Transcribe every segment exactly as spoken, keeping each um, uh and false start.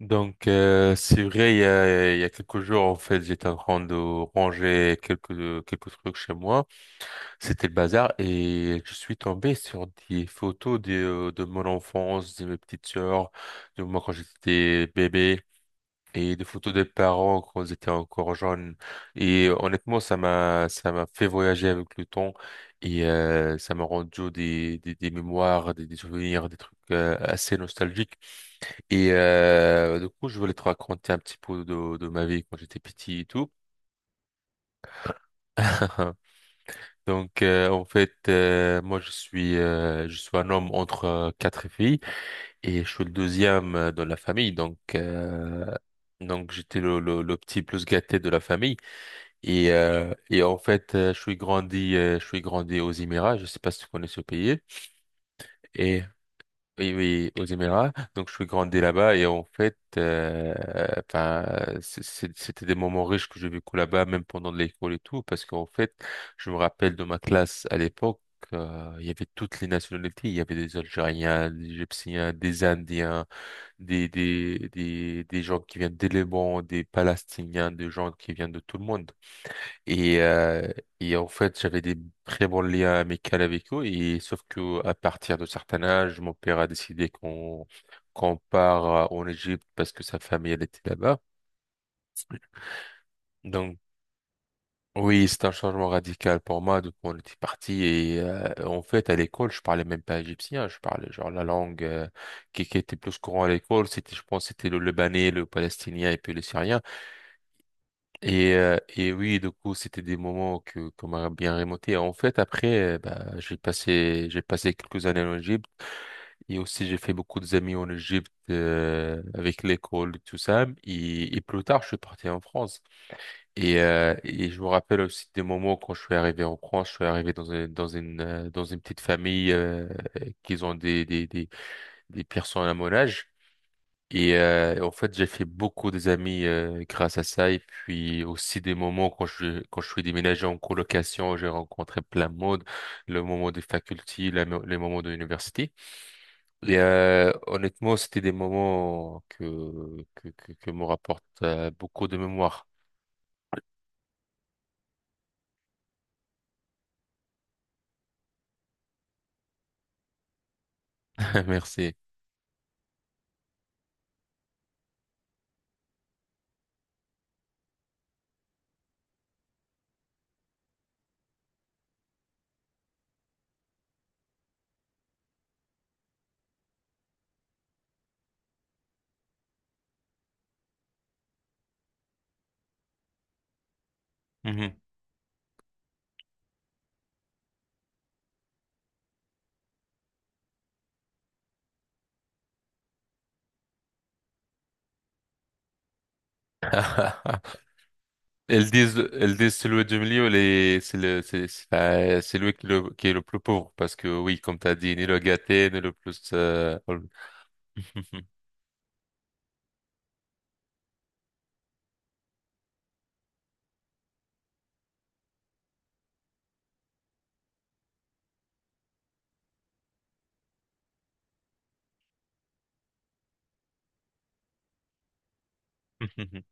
Donc, euh, c'est vrai, il y a, il y a quelques jours, en fait, j'étais en train de ranger quelques, euh, quelques trucs chez moi. C'était le bazar et je suis tombé sur des photos de, euh, de mon enfance, de mes petites sœurs, de moi quand j'étais bébé et des photos des parents quand ils étaient encore jeunes. Et euh, honnêtement, ça m'a, ça m'a fait voyager avec le temps et euh, ça m'a rendu des, des, des mémoires, des, des souvenirs, des trucs euh, assez nostalgiques. Et euh, du coup, je voulais te raconter un petit peu de, de ma vie quand j'étais petit et tout. Donc, euh, en fait, euh, moi, je suis, euh, je suis un homme entre euh, quatre filles et je suis le deuxième euh, dans la famille. Donc, euh, donc j'étais le, le, le petit plus gâté de la famille. Et, euh, et en fait, euh, je suis grandi, euh, je suis grandi aux Émirats. Je sais pas si tu connais ce pays. Et oui, oui, aux Émirats. Donc, je suis grandi là-bas et en fait, euh, enfin, c'est- c'est- c'était des moments riches que j'ai vécu là-bas, même pendant l'école et tout, parce qu'en fait, je me rappelle de ma classe à l'époque, euh, il y avait toutes les nationalités. Il y avait des Algériens, des Égyptiens, des Indiens, des, des, des, des gens qui viennent des Liban, des Palestiniens, des gens qui viennent de tout le monde. Et, euh, et en fait, j'avais des très bons liens amicaux avec eux. Et sauf que à partir de certain âge, mon père a décidé qu'on qu'on part euh, en Égypte parce que sa famille elle était là-bas. Donc oui, c'est un changement radical pour moi. Donc on était parti et euh, en fait à l'école, je parlais même pas égyptien. Je parlais genre la langue euh, qui, qui était plus courant à l'école, c'était je pense c'était le Libanais, le Palestinien et puis le Syrien. Et, euh, et oui, du coup, c'était des moments que qu'on m'a bien remonté. En fait, après, euh, bah, j'ai passé j'ai passé quelques années en Égypte et aussi j'ai fait beaucoup d'amis en Égypte euh, avec l'école et tout ça. Et, et plus tard, je suis parti en France. Et, euh, et je me rappelle aussi des moments quand je suis arrivé en France. Je suis arrivé dans une dans une euh, dans une petite famille euh, qui ont des des des des personnes à mon âge. Et euh, en fait, j'ai fait beaucoup des amis euh, grâce à ça. Et puis aussi des moments quand je quand je suis déménagé en colocation, j'ai rencontré plein de monde. Le moment des facultés, la mo- les moments de l'université. Et euh, honnêtement, c'était des moments que que que, que me rapportent euh, beaucoup de mémoire. Merci. Mhm. Elles disent, elles disent celui du milieu, les, c'est le, c'est, c'est euh, c'est lui qui, le- qui est le plus pauvre parce que oui, comme t'as dit, ni le gâté, ni le plus. euh, Mhm,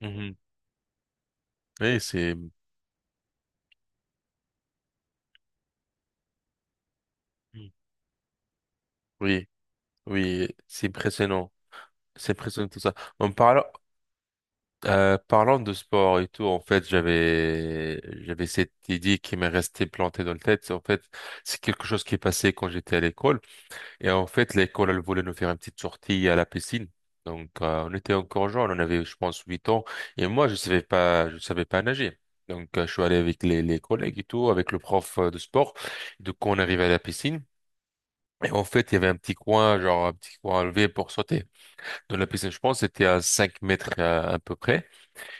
mhm. Oui, c'est oui, oui, c'est impressionnant, c'est impressionnant tout ça. En parlant, euh, parlant de sport et tout, en fait, j'avais j'avais cette idée qui m'est restée plantée dans le tête. C'est- En fait, c'est quelque chose qui est passé quand j'étais à l'école. Et en fait, l'école, elle voulait nous faire une petite sortie à la piscine. Donc, euh, on était encore jeunes, on avait, je pense, huit ans. Et moi, je savais pas, je savais pas nager. Donc, euh, je suis allé avec les, les collègues et tout, avec le prof euh, de sport. Donc, on arrive à la piscine. Et en fait, il y avait un petit coin, genre un petit coin à lever pour sauter dans la piscine. Je pense que c'était à cinq mètres à, à peu près.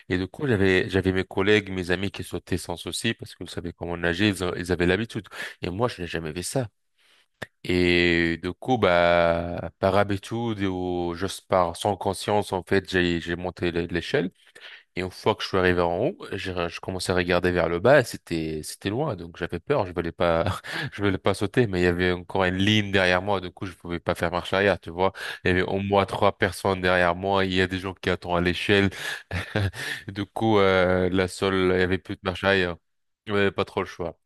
Et du coup, j'avais j'avais mes collègues, mes amis qui sautaient sans souci parce qu'ils savaient comment nager, ils, ont- ils avaient l'habitude. Et moi, je n'ai jamais fait ça. Et du coup, bah par habitude ou juste par sans conscience, en fait, j'ai j'ai monté l'é- l'échelle. Et une fois que je suis arrivé en haut, j'ai, je commençais à regarder vers le bas et c'était, c'était loin. Donc j'avais peur, je voulais pas, je voulais pas sauter, mais il y avait encore une ligne derrière moi. Du coup, je pouvais pas faire marche arrière, tu vois. Il y avait au moins trois personnes derrière moi. Il y a des gens qui attendent à l'échelle. Du coup, euh, la seule, il y avait plus de marche arrière. Il y avait pas trop le choix.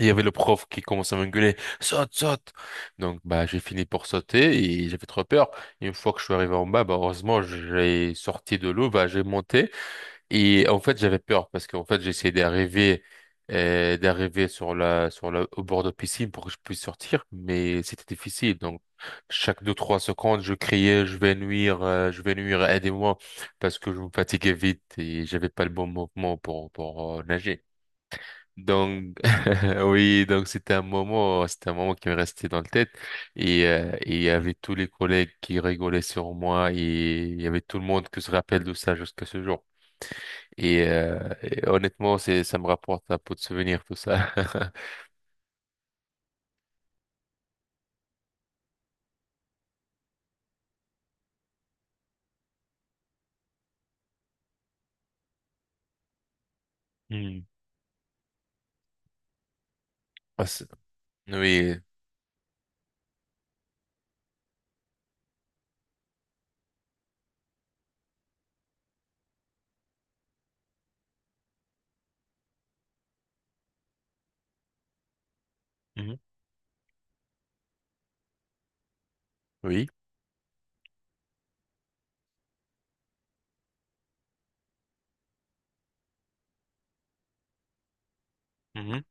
Il y avait le prof qui commençait à m'engueuler, saute, saute. Donc, bah, j'ai fini pour sauter et j'avais trop peur. Une fois que je suis arrivé en bas, bah, heureusement, j'ai sorti de l'eau, bah, j'ai monté. Et en fait, j'avais peur parce qu'en fait, j'essayais d'arriver euh, d'arriver sur la sur la au bord de piscine pour que je puisse sortir, mais c'était difficile. Donc, chaque deux trois secondes, je criais, je vais nuire, euh, je vais nuire, aidez-moi, parce que je me fatiguais vite et j'avais pas le bon mouvement pour pour euh, nager. Donc oui, donc c'était un moment, c'était un moment qui me restait dans la tête et euh, et il y avait tous les collègues qui rigolaient sur moi et il y avait tout le monde qui se rappelle de ça jusqu'à ce jour. Et, euh, et honnêtement, c'est, ça me rapporte un pot de souvenirs, tout ça. Mhm. Ah, c'est- oui. Mhm. Oui. Mhm.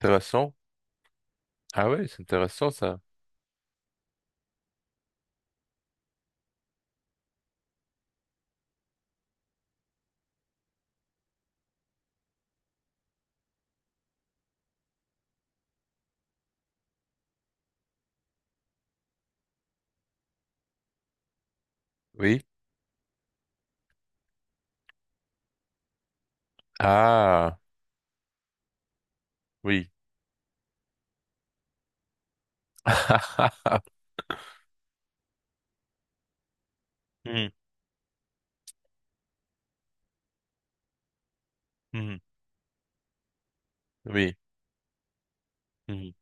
Intéressant. Ah ouais, c'est intéressant ça. Oui. Ah, oui. Mhm. Mhm. Oui. Mhm.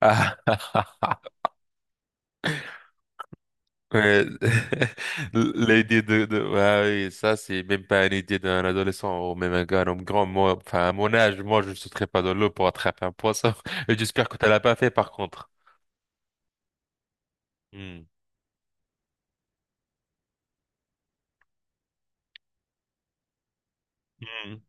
Ah, ouais. L'idée de, de ah oui, ça, c'est même pas une idée d'un adolescent ou même un gars, un homme grand. Moi, enfin, à mon âge, moi, je ne sauterais pas dans l'eau pour attraper un poisson. Et j'espère que tu l'as pas fait, par contre. Mhm. Mhm.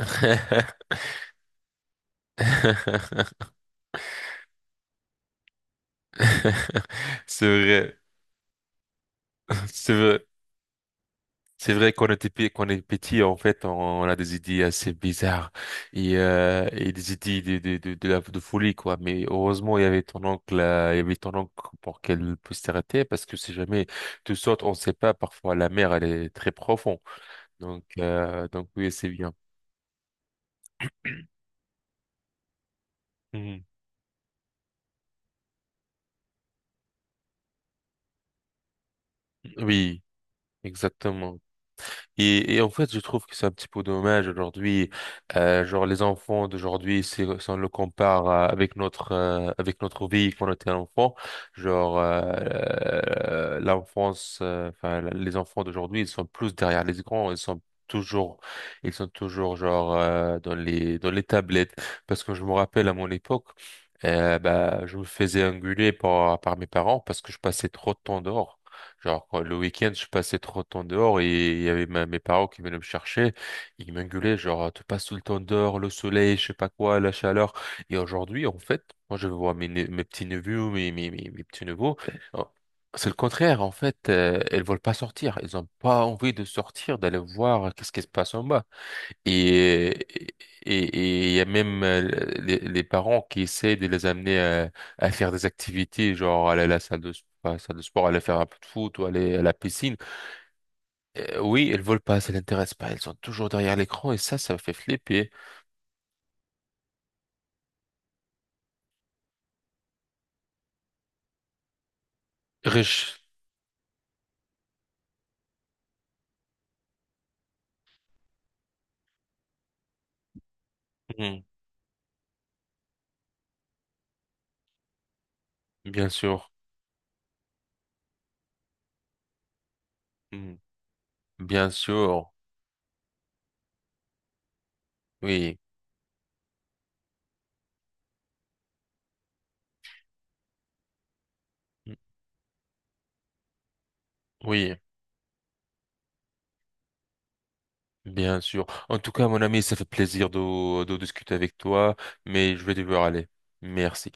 C'est vrai, c'est vrai. C'est vrai qu'on était pe- qu'on est petit, en fait, on a des idées assez bizarres et, euh, et des idées de, de, de, de, la- de folie, quoi. Mais heureusement, il y avait ton oncle, euh, il y avait ton oncle pour qu'elle puisse t'arrêter parce que si jamais tu sautes, on ne sait pas, parfois la mer, elle est très profonde. Donc, euh, donc oui, c'est bien. Mhm. Oui, exactement. Et, et en fait, je trouve que c'est un petit peu dommage aujourd'hui. Euh, genre, les enfants d'aujourd'hui, si, si on le compare euh, avec notre euh, avec notre vie quand on était enfant, genre euh, l'enfance, euh, enfin les enfants d'aujourd'hui, ils sont plus derrière les écrans, ils sont toujours, ils sont toujours genre euh, dans les dans les tablettes. Parce que je me rappelle à mon époque, euh, bah, je me faisais engueuler par par mes parents parce que je passais trop de temps dehors. Genre, quand- le week-end, je passais trop de temps dehors et il y avait ma- mes parents qui venaient me chercher. Ils m'engueulaient, genre, «Ah, tu passes tout le temps dehors, le soleil, je sais pas quoi, la chaleur. Et aujourd'hui, en fait, moi, je vois mes, ne- mes petits-neveux, mes, mes, mes, mes petits-neveux. Oh, c'est le contraire, en fait, euh, elles veulent pas sortir. Elles ont pas envie de sortir, d'aller voir qu'est-ce qui se passe en bas. Et et et il y a même euh, les, les parents qui essaient de les amener à, à faire des activités, genre aller à la salle de, pas à la salle de sport, aller faire un peu de foot ou aller à la piscine. Euh, oui, elles veulent pas, ça l'intéresse pas. Elles sont toujours derrière l'écran et ça, ça me fait flipper. Riche. Mhm. Bien sûr. Mhm. Bien sûr. Oui. Mhm. Oui. Bien sûr. En tout cas, mon ami, ça fait plaisir de, de discuter avec toi, mais je vais devoir aller. Merci.